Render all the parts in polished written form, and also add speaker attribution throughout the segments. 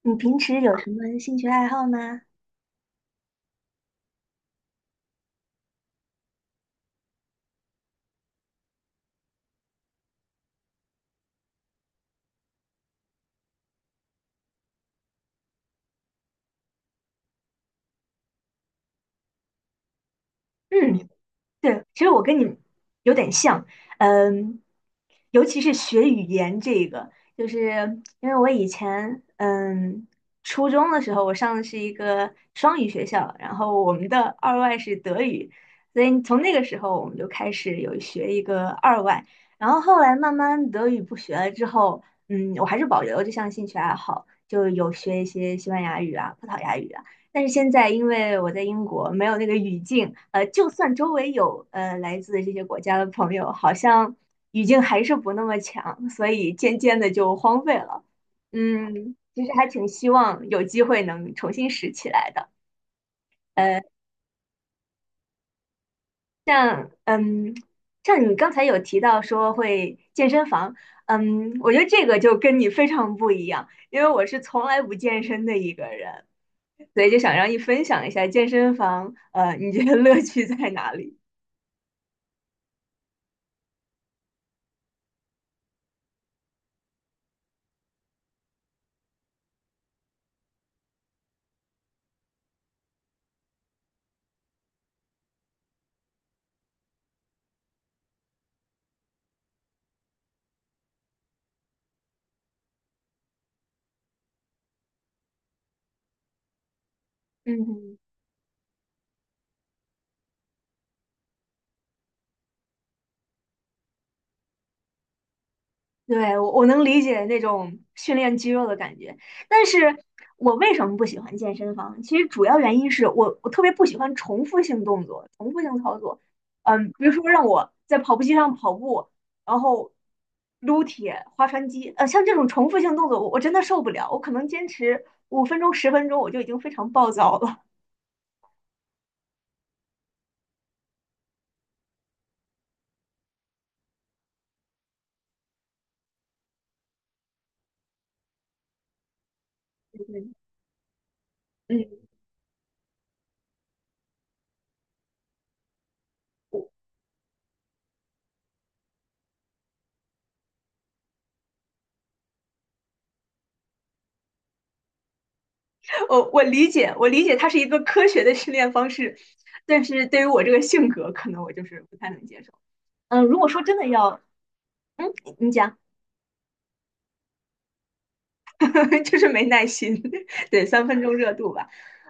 Speaker 1: 你平时有什么兴趣爱好吗？嗯，对，其实我跟你有点像。嗯，尤其是学语言这个，就是因为我以前，初中的时候我上的是一个双语学校，然后我们的二外是德语，所以从那个时候我们就开始有学一个二外。然后后来慢慢德语不学了之后，嗯，我还是保留这项兴趣爱好，就有学一些西班牙语啊、葡萄牙语啊。但是现在因为我在英国，没有那个语境，就算周围有来自这些国家的朋友，好像语境还是不那么强，所以渐渐的就荒废了。嗯，其实还挺希望有机会能重新拾起来的。像嗯，像你刚才有提到说会健身房，嗯，我觉得这个就跟你非常不一样，因为我是从来不健身的一个人，所以就想让你分享一下健身房，你觉得乐趣在哪里？嗯，对，我能理解那种训练肌肉的感觉，但是我为什么不喜欢健身房？其实主要原因是我特别不喜欢重复性动作，嗯，比如说让我在跑步机上跑步，然后撸铁、划船机，像这种重复性动作，我真的受不了，我可能坚持5分钟、10分钟，我就已经非常暴躁了。嗯嗯，我理解，我理解它是一个科学的训练方式，但是对于我这个性格，可能我就是不太能接受。嗯，如果说真的要，嗯，你讲，就是没耐心，对，3分钟热度吧。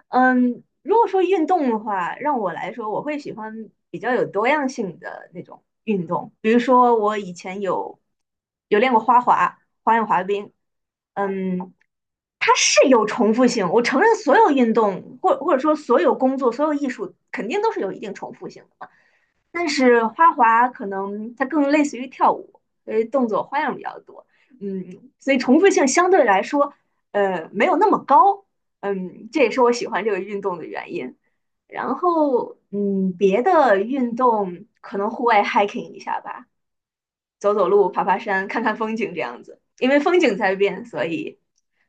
Speaker 1: 嗯，如果说运动的话，让我来说，我会喜欢比较有多样性的那种运动，比如说我以前有练过花滑、花样滑冰。嗯，它是有重复性，我承认所有运动或者说所有工作、所有艺术肯定都是有一定重复性的。但是花滑可能它更类似于跳舞，因为动作花样比较多，嗯，所以重复性相对来说，没有那么高。嗯，这也是我喜欢这个运动的原因。然后，嗯，别的运动可能户外 hiking 一下吧，走走路、爬爬山、看看风景这样子，因为风景在变，所以，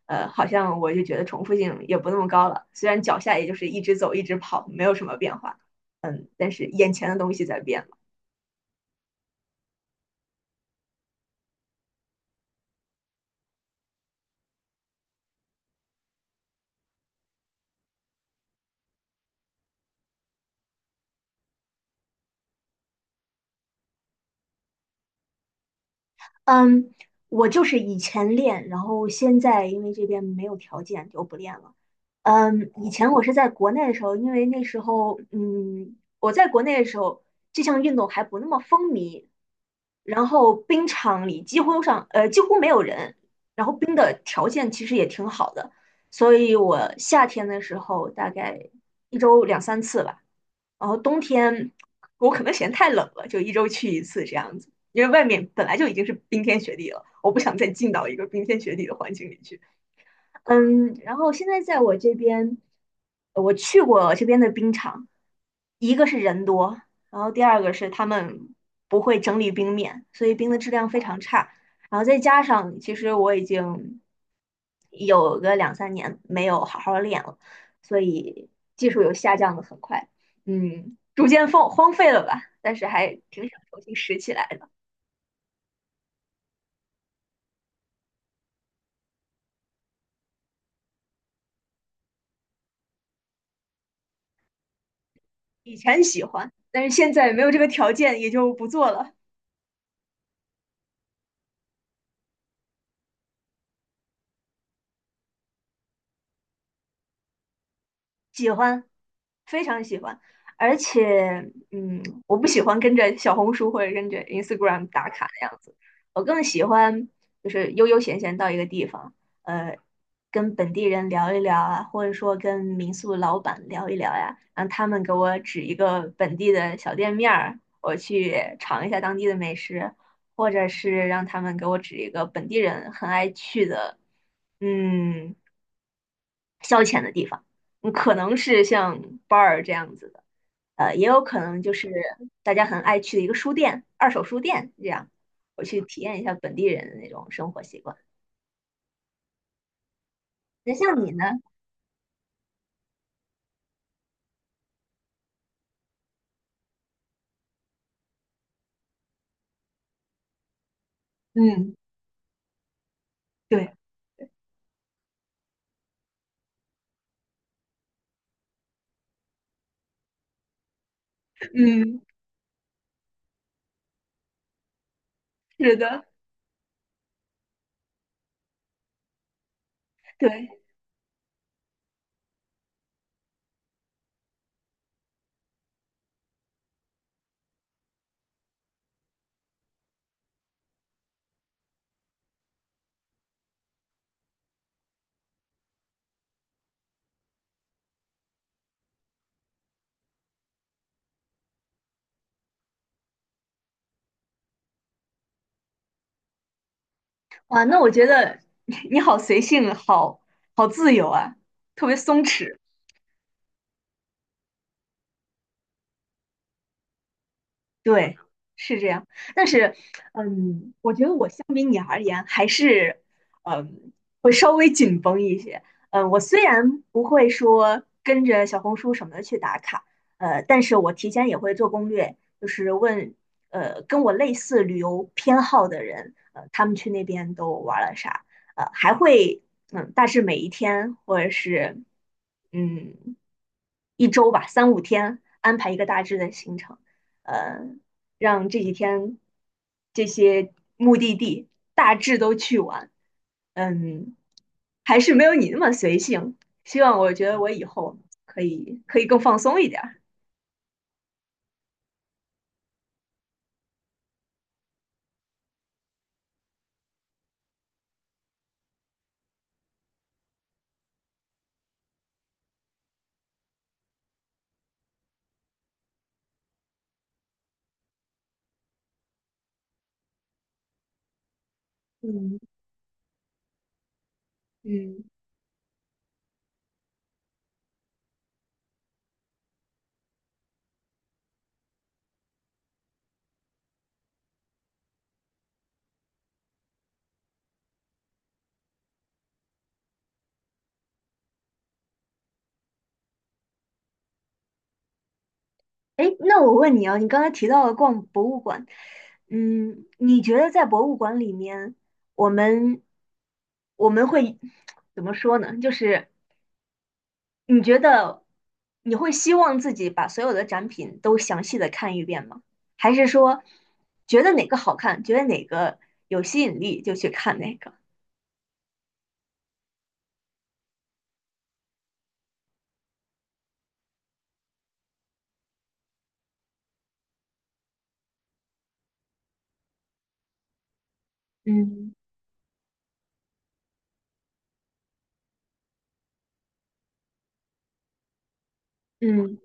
Speaker 1: 好像我就觉得重复性也不那么高了。虽然脚下也就是一直走、一直跑，没有什么变化，嗯，但是眼前的东西在变。嗯，我就是以前练，然后现在因为这边没有条件就不练了。嗯，以前我是在国内的时候，因为那时候，我在国内的时候，这项运动还不那么风靡，然后冰场里几乎没有人，然后冰的条件其实也挺好的，所以我夏天的时候大概一周2、3次吧，然后冬天我可能嫌太冷了，就一周去一次这样子，因为外面本来就已经是冰天雪地了，我不想再进到一个冰天雪地的环境里去。嗯，然后现在在我这边，我去过这边的冰场，一个是人多，然后第二个是他们不会整理冰面，所以冰的质量非常差。然后再加上，其实我已经有个2、3年没有好好练了，所以技术有下降的很快，嗯，逐渐放荒废了吧。但是还挺想重新拾起来的。以前喜欢，但是现在没有这个条件，也就不做了。喜欢，非常喜欢。而且，嗯，我不喜欢跟着小红书或者跟着 Instagram 打卡的样子，我更喜欢就是悠悠闲闲到一个地方，呃，跟本地人聊一聊啊，或者说跟民宿老板聊一聊呀，让他们给我指一个本地的小店面儿，我去尝一下当地的美食，或者是让他们给我指一个本地人很爱去的，嗯，消遣的地方。嗯可能是像 bar 这样子的，也有可能就是大家很爱去的一个书店，二手书店这样，我去体验一下本地人的那种生活习惯。那像你呢？嗯，对，嗯，是的，对，哇，那我觉得 你好随性啊，好自由啊，特别松弛。对，是这样。但是，嗯，我觉得我相比你而言，还是，嗯，会稍微紧绷一些。嗯，我虽然不会说跟着小红书什么的去打卡，但是我提前也会做攻略，就是问，跟我类似旅游偏好的人，他们去那边都玩了啥，呃，还会，嗯，大致每一天或者是，嗯，一周吧，3到5天安排一个大致的行程。呃，让这几天这些目的地大致都去完。嗯，还是没有你那么随性。希望我觉得我以后可以更放松一点儿。嗯嗯，哎，那我问你啊，你刚才提到了逛博物馆，嗯，你觉得在博物馆里面，我们我们会 怎么说呢？就是你觉得你会希望自己把所有的展品都详细的看一遍吗？还是说觉得哪个好看，觉得哪个有吸引力就去看哪个？嗯嗯，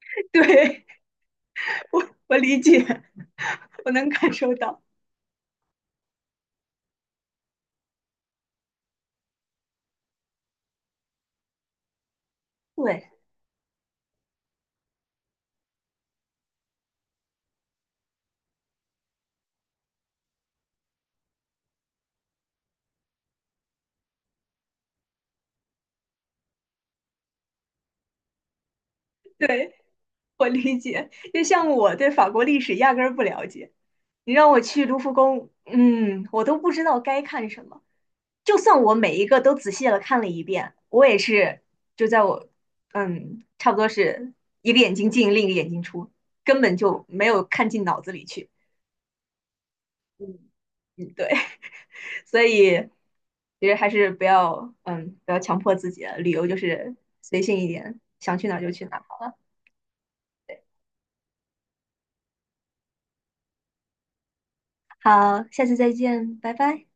Speaker 1: 对，我理解，我能感受到。对，对，我理解。就像我对法国历史压根儿不了解，你让我去卢浮宫，嗯，我都不知道该看什么。就算我每一个都仔细的看了一遍，我也是就在我嗯，差不多是一个眼睛进，另一个眼睛出，根本就没有看进脑子里去。嗯，嗯，对，所以其实还是不要强迫自己了，旅游就是随性一点，想去哪儿就去哪儿。好，下次再见，拜拜。